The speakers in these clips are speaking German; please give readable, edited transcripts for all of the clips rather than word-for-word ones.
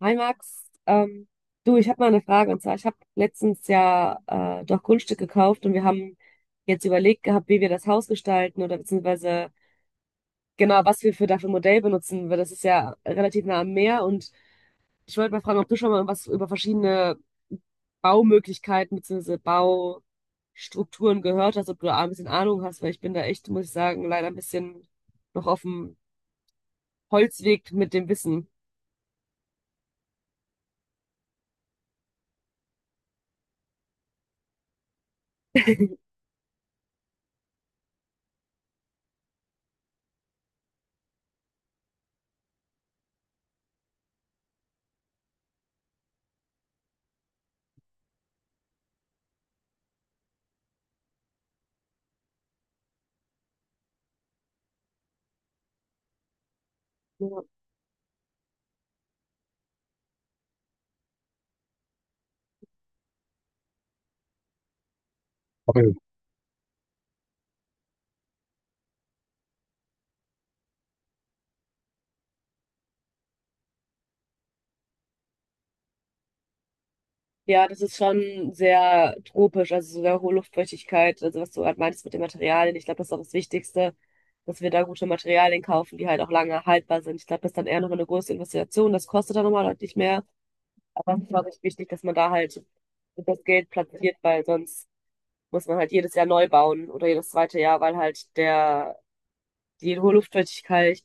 Hi Max, du, ich habe mal eine Frage. Und zwar, ich habe letztens ja doch Grundstück gekauft und wir haben jetzt überlegt gehabt, wie wir das Haus gestalten oder beziehungsweise genau, was wir für dafür Modell benutzen, weil das ist ja relativ nah am Meer. Und ich wollte mal fragen, ob du schon mal was über verschiedene Baumöglichkeiten beziehungsweise Baustrukturen gehört hast, ob du da ein bisschen Ahnung hast, weil ich bin da echt, muss ich sagen, leider ein bisschen noch auf dem Holzweg mit dem Wissen. Ja. Ja, das ist schon sehr tropisch, also sehr hohe Luftfeuchtigkeit, also was du gerade meintest mit den Materialien. Ich glaube, das ist auch das Wichtigste, dass wir da gute Materialien kaufen, die halt auch lange haltbar sind. Ich glaube, das ist dann eher noch eine große Investition. Das kostet dann nochmal deutlich mehr. Aber es ist, glaube ich, wichtig, dass man da halt das Geld platziert, weil sonst muss man halt jedes Jahr neu bauen oder jedes zweite Jahr, weil halt der, die hohe Luftfeuchtigkeit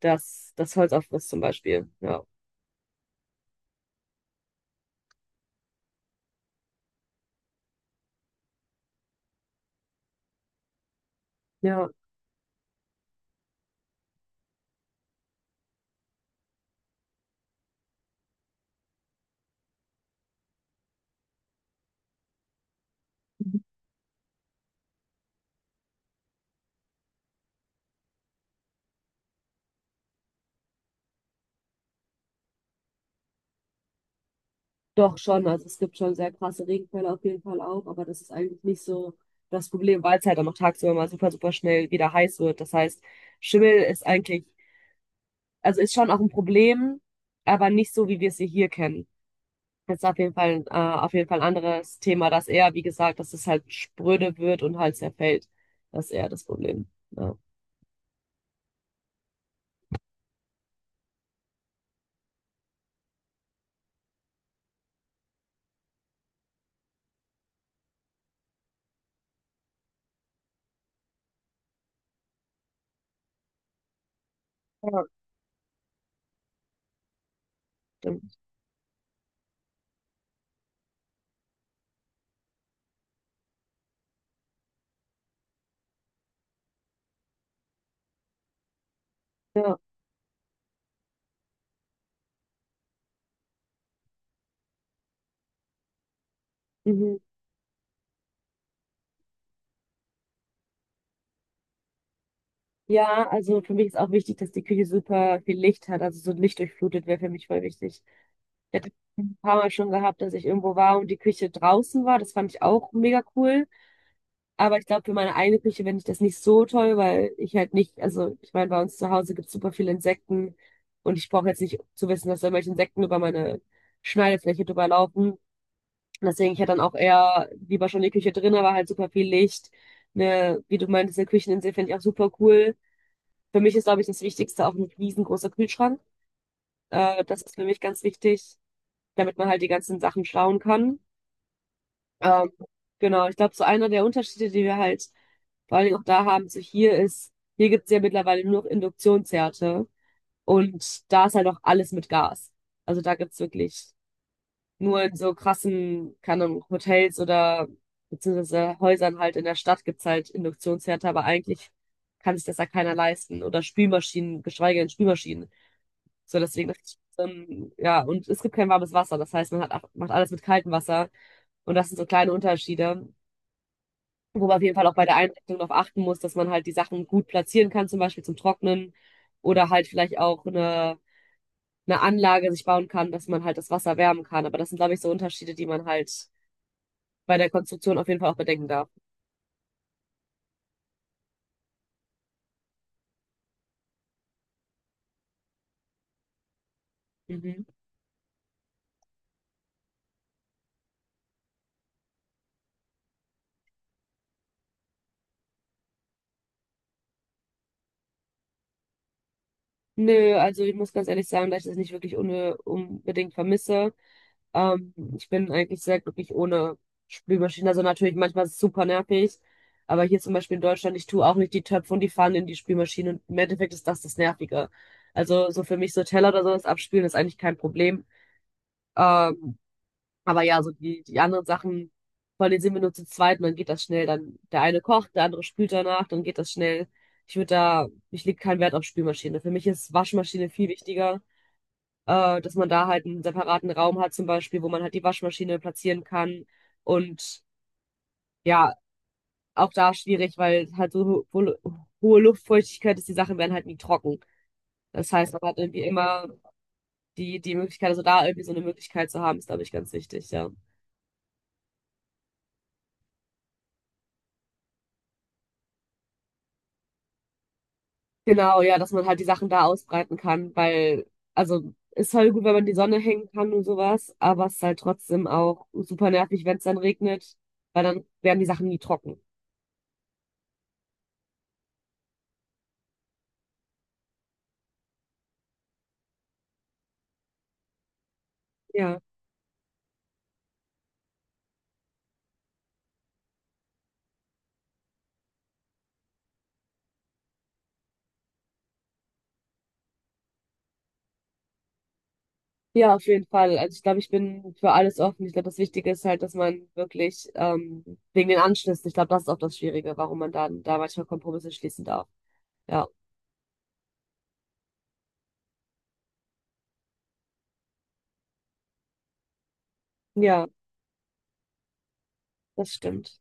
das Holz auffrisst zum Beispiel. Ja. Ja. Doch schon, also es gibt schon sehr krasse Regenfälle auf jeden Fall auch, aber das ist eigentlich nicht so das Problem, weil es halt dann noch tagsüber mal super, super schnell wieder heiß wird. Das heißt, Schimmel ist eigentlich, also ist schon auch ein Problem, aber nicht so, wie wir es hier kennen. Das ist auf jeden Fall ein anderes Thema, dass eher, wie gesagt, dass es halt spröde wird und halt zerfällt. Das ist eher das Problem. Ja. Ja, stimmt. Ja. Mhm. Ja, also für mich ist auch wichtig, dass die Küche super viel Licht hat. Also so lichtdurchflutet wäre für mich voll wichtig. Ich hatte ein paar Mal schon gehabt, dass ich irgendwo war und die Küche draußen war. Das fand ich auch mega cool. Aber ich glaube, für meine eigene Küche fände ich das nicht so toll, weil ich halt nicht, also ich meine, bei uns zu Hause gibt es super viele Insekten und ich brauche jetzt nicht zu wissen, dass da irgendwelche Insekten über meine Schneidefläche drüber laufen. Und deswegen, ich hätte dann auch eher lieber schon die Küche drin, aber halt super viel Licht. Ne, wie du meintest, eine Kücheninsel fände ich auch super cool. Für mich ist, glaube ich, das Wichtigste auch ein riesengroßer Kühlschrank. Das ist für mich ganz wichtig, damit man halt die ganzen Sachen schauen kann. Ähm, genau, ich glaube, so einer der Unterschiede, die wir halt vor allen Dingen auch da haben, so hier ist, hier gibt's ja mittlerweile nur noch Induktionsherde und da ist halt auch alles mit Gas. Also da gibt's wirklich nur in so krassen, keine Ahnung, Hotels oder beziehungsweise Häusern halt in der Stadt gibt's halt Induktionsherde, aber eigentlich kann sich das ja keiner leisten. Oder Spülmaschinen, geschweige denn Spülmaschinen. So, deswegen, das ist schon, ja, und es gibt kein warmes Wasser. Das heißt, man hat, auch- macht alles mit kaltem Wasser. Und das sind so kleine Unterschiede, wo man auf jeden Fall auch bei der Einrichtung darauf achten muss, dass man halt die Sachen gut platzieren kann, zum Beispiel zum Trocknen oder halt vielleicht auch eine Anlage sich bauen kann, dass man halt das Wasser wärmen kann. Aber das sind, glaube ich, so Unterschiede, die man halt bei der Konstruktion auf jeden Fall auch bedenken darf. Mhm. Nö, also ich muss ganz ehrlich sagen, dass ich das nicht wirklich un unbedingt vermisse. Ich bin eigentlich sehr glücklich ohne Spülmaschine. Also natürlich manchmal ist es super nervig. Aber hier zum Beispiel in Deutschland, ich tue auch nicht die Töpfe und die Pfannen in die Spülmaschine. Und im Endeffekt ist das das Nervige. Also so für mich so Teller oder sowas abspülen ist eigentlich kein Problem. Ähm, aber ja, so die anderen Sachen, vor allem sind wir nur zu zweit und dann geht das schnell. Dann der eine kocht, der andere spült danach, dann geht das schnell. Ich würde da, ich lege keinen Wert auf Spülmaschine. Für mich ist Waschmaschine viel wichtiger, dass man da halt einen separaten Raum hat, zum Beispiel, wo man halt die Waschmaschine platzieren kann. Und ja, auch da schwierig, weil halt so ho ho hohe Luftfeuchtigkeit ist, die Sachen werden halt nie trocken. Das heißt, man hat irgendwie immer die Möglichkeit, also da irgendwie so eine Möglichkeit zu haben, ist, glaube ich, ganz wichtig, ja. Genau, ja, dass man halt die Sachen da ausbreiten kann, weil, also, ist halt gut, wenn man die Sonne hängen kann und sowas, aber es ist halt trotzdem auch super nervig, wenn es dann regnet, weil dann werden die Sachen nie trocken. Ja. Ja, auf jeden Fall. Also ich glaube, ich bin für alles offen. Ich glaube, das Wichtige ist halt, dass man wirklich wegen den Anschlüssen, ich glaube, das ist auch das Schwierige, warum man da manchmal Kompromisse schließen darf. Ja, ja, das stimmt.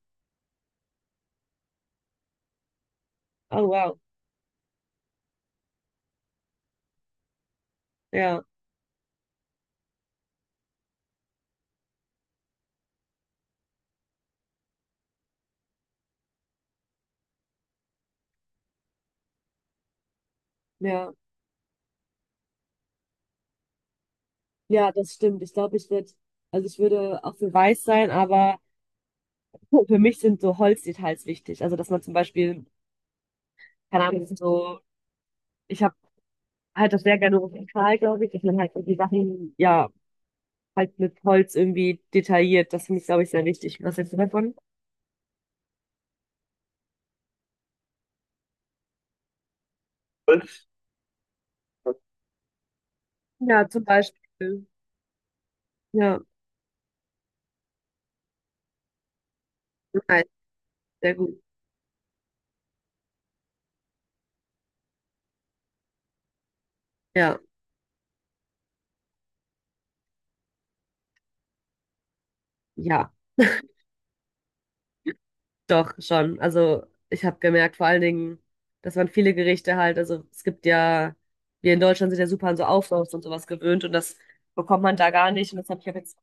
Oh, wow. Ja, ja, ja, das stimmt. Ich glaube, also ich würde auch für weiß sein, aber für mich sind so Holzdetails wichtig. Also, dass man zum Beispiel, keine Ahnung, so, ich habe halt das sehr gerne rustikal, glaube ich, dass man halt so die Sachen, ja, halt mit Holz irgendwie detailliert. Das finde ich, glaube ich, sehr wichtig. Was hältst du davon? Ja, zum Beispiel. Ja, nein, sehr gut. Ja, ja, doch, schon. Also ich habe gemerkt, vor allen Dingen, dass man viele Gerichte halt, also es gibt ja, wir in Deutschland sind ja super an so Auflauf und sowas gewöhnt und das bekommt man da gar nicht. Und das habe ich hab jetzt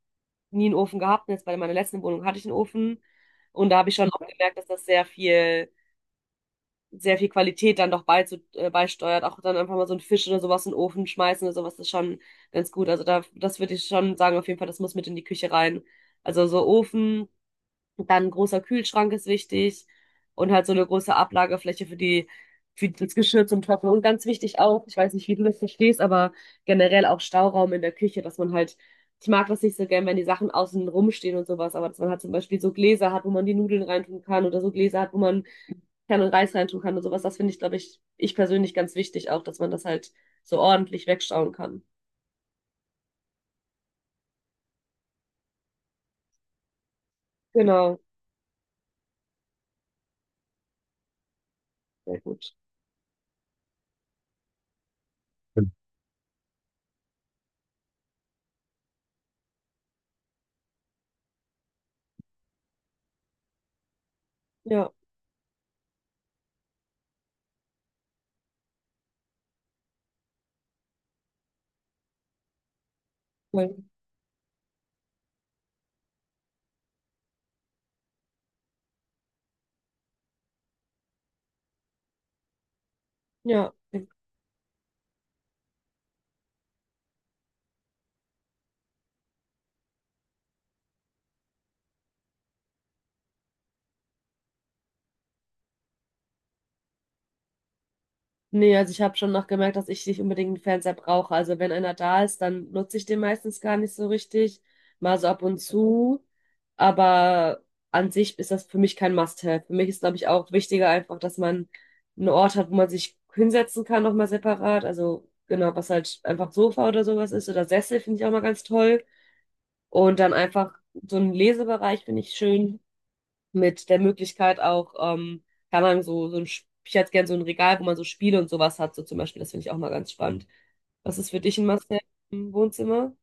nie einen Ofen gehabt. Und jetzt bei meiner letzten Wohnung hatte ich einen Ofen und da habe ich schon auch gemerkt, dass das sehr viel Qualität dann doch beizu beisteuert. Auch dann einfach mal so einen Fisch oder sowas in den Ofen schmeißen oder sowas ist schon ganz gut. Also da, das würde ich schon sagen, auf jeden Fall, das muss mit in die Küche rein. Also so Ofen, dann ein großer Kühlschrank ist wichtig und halt so eine große Ablagefläche für für das Geschirr zum Trocknen. Und ganz wichtig auch, ich weiß nicht, wie du das verstehst, aber generell auch Stauraum in der Küche, dass man halt, ich mag das nicht so gern, wenn die Sachen außen rumstehen und sowas, aber dass man halt zum Beispiel so Gläser hat, wo man die Nudeln reintun kann oder so Gläser hat, wo man kann und Reis reintun kann und sowas. Das finde ich, glaube ich, ich persönlich ganz wichtig auch, dass man das halt so ordentlich wegschauen kann. Genau, sehr gut. Hm. Ja, voll. Ja. Nee, also ich habe schon noch gemerkt, dass ich nicht unbedingt einen Fernseher brauche. Also wenn einer da ist, dann nutze ich den meistens gar nicht so richtig. Mal so ab und zu. Aber an sich ist das für mich kein Must-have. Für mich ist, glaube ich, auch wichtiger einfach, dass man einen Ort hat, wo man sich hinsetzen kann, nochmal separat. Also genau, was halt einfach Sofa oder sowas ist. Oder Sessel finde ich auch mal ganz toll. Und dann einfach so einen Lesebereich finde ich schön mit der Möglichkeit auch, kann man so ich hätte gern so ein Regal, wo man so Spiele und sowas hat, so zum Beispiel, das finde ich auch mal ganz spannend. Was ist für dich ein Must-have im Wohnzimmer?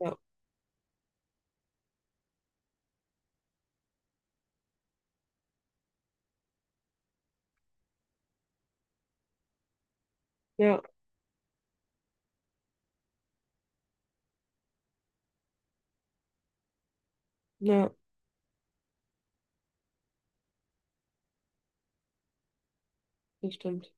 Ja, ja, ja, das stimmt.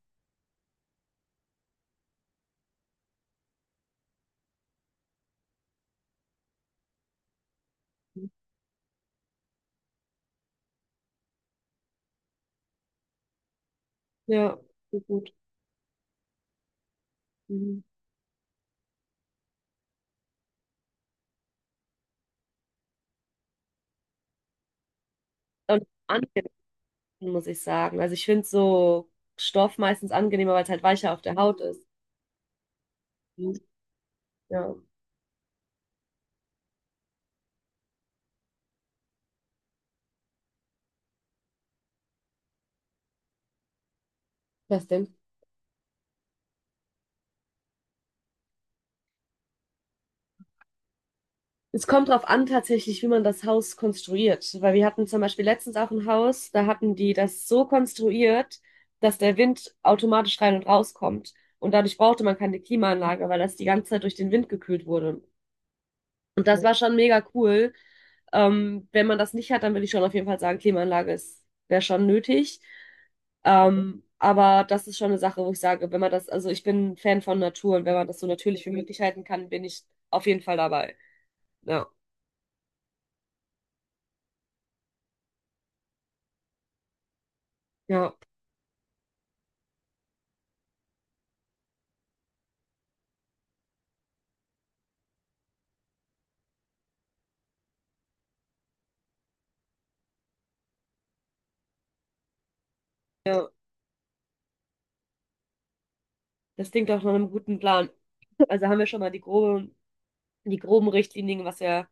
Ja, so gut. Mhm. Und angenehm, muss ich sagen. Also ich finde so Stoff meistens angenehmer, weil es halt weicher auf der Haut ist. Mhm. Ja, was denn? Es kommt darauf an, tatsächlich, wie man das Haus konstruiert. Weil wir hatten zum Beispiel letztens auch ein Haus, da hatten die das so konstruiert, dass der Wind automatisch rein und rauskommt. Und dadurch brauchte man keine Klimaanlage, weil das die ganze Zeit durch den Wind gekühlt wurde. Und das war schon mega cool. Wenn man das nicht hat, dann würde ich schon auf jeden Fall sagen, Klimaanlage ist, wäre schon nötig. Aber das ist schon eine Sache, wo ich sage, wenn man das, also ich bin ein Fan von Natur und wenn man das so natürlich wie möglich halten kann, bin ich auf jeden Fall dabei. Ja, ja, ja. Das klingt auch nach einem guten Plan. Also haben wir schon mal die groben Richtlinien,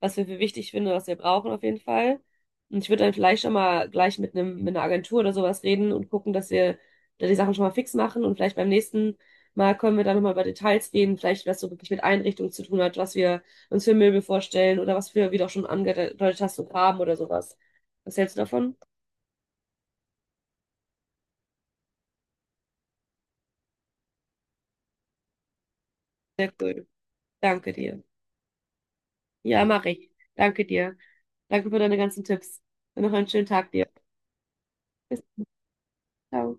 was wir für wichtig finden, was wir brauchen auf jeden Fall. Und ich würde dann vielleicht schon mal gleich mit einer Agentur oder sowas reden und gucken, dass wir da die Sachen schon mal fix machen. Und vielleicht beim nächsten Mal können wir dann nochmal über Details reden, vielleicht was so wirklich mit Einrichtung zu tun hat, was wir uns für Möbel vorstellen oder was wir, wie du auch schon angedeutet hast, so Farben oder sowas. Was hältst du davon? Sehr cool. Danke dir. Ja, mache ich. Danke dir. Danke für deine ganzen Tipps. Und noch einen schönen Tag dir. Bis dann.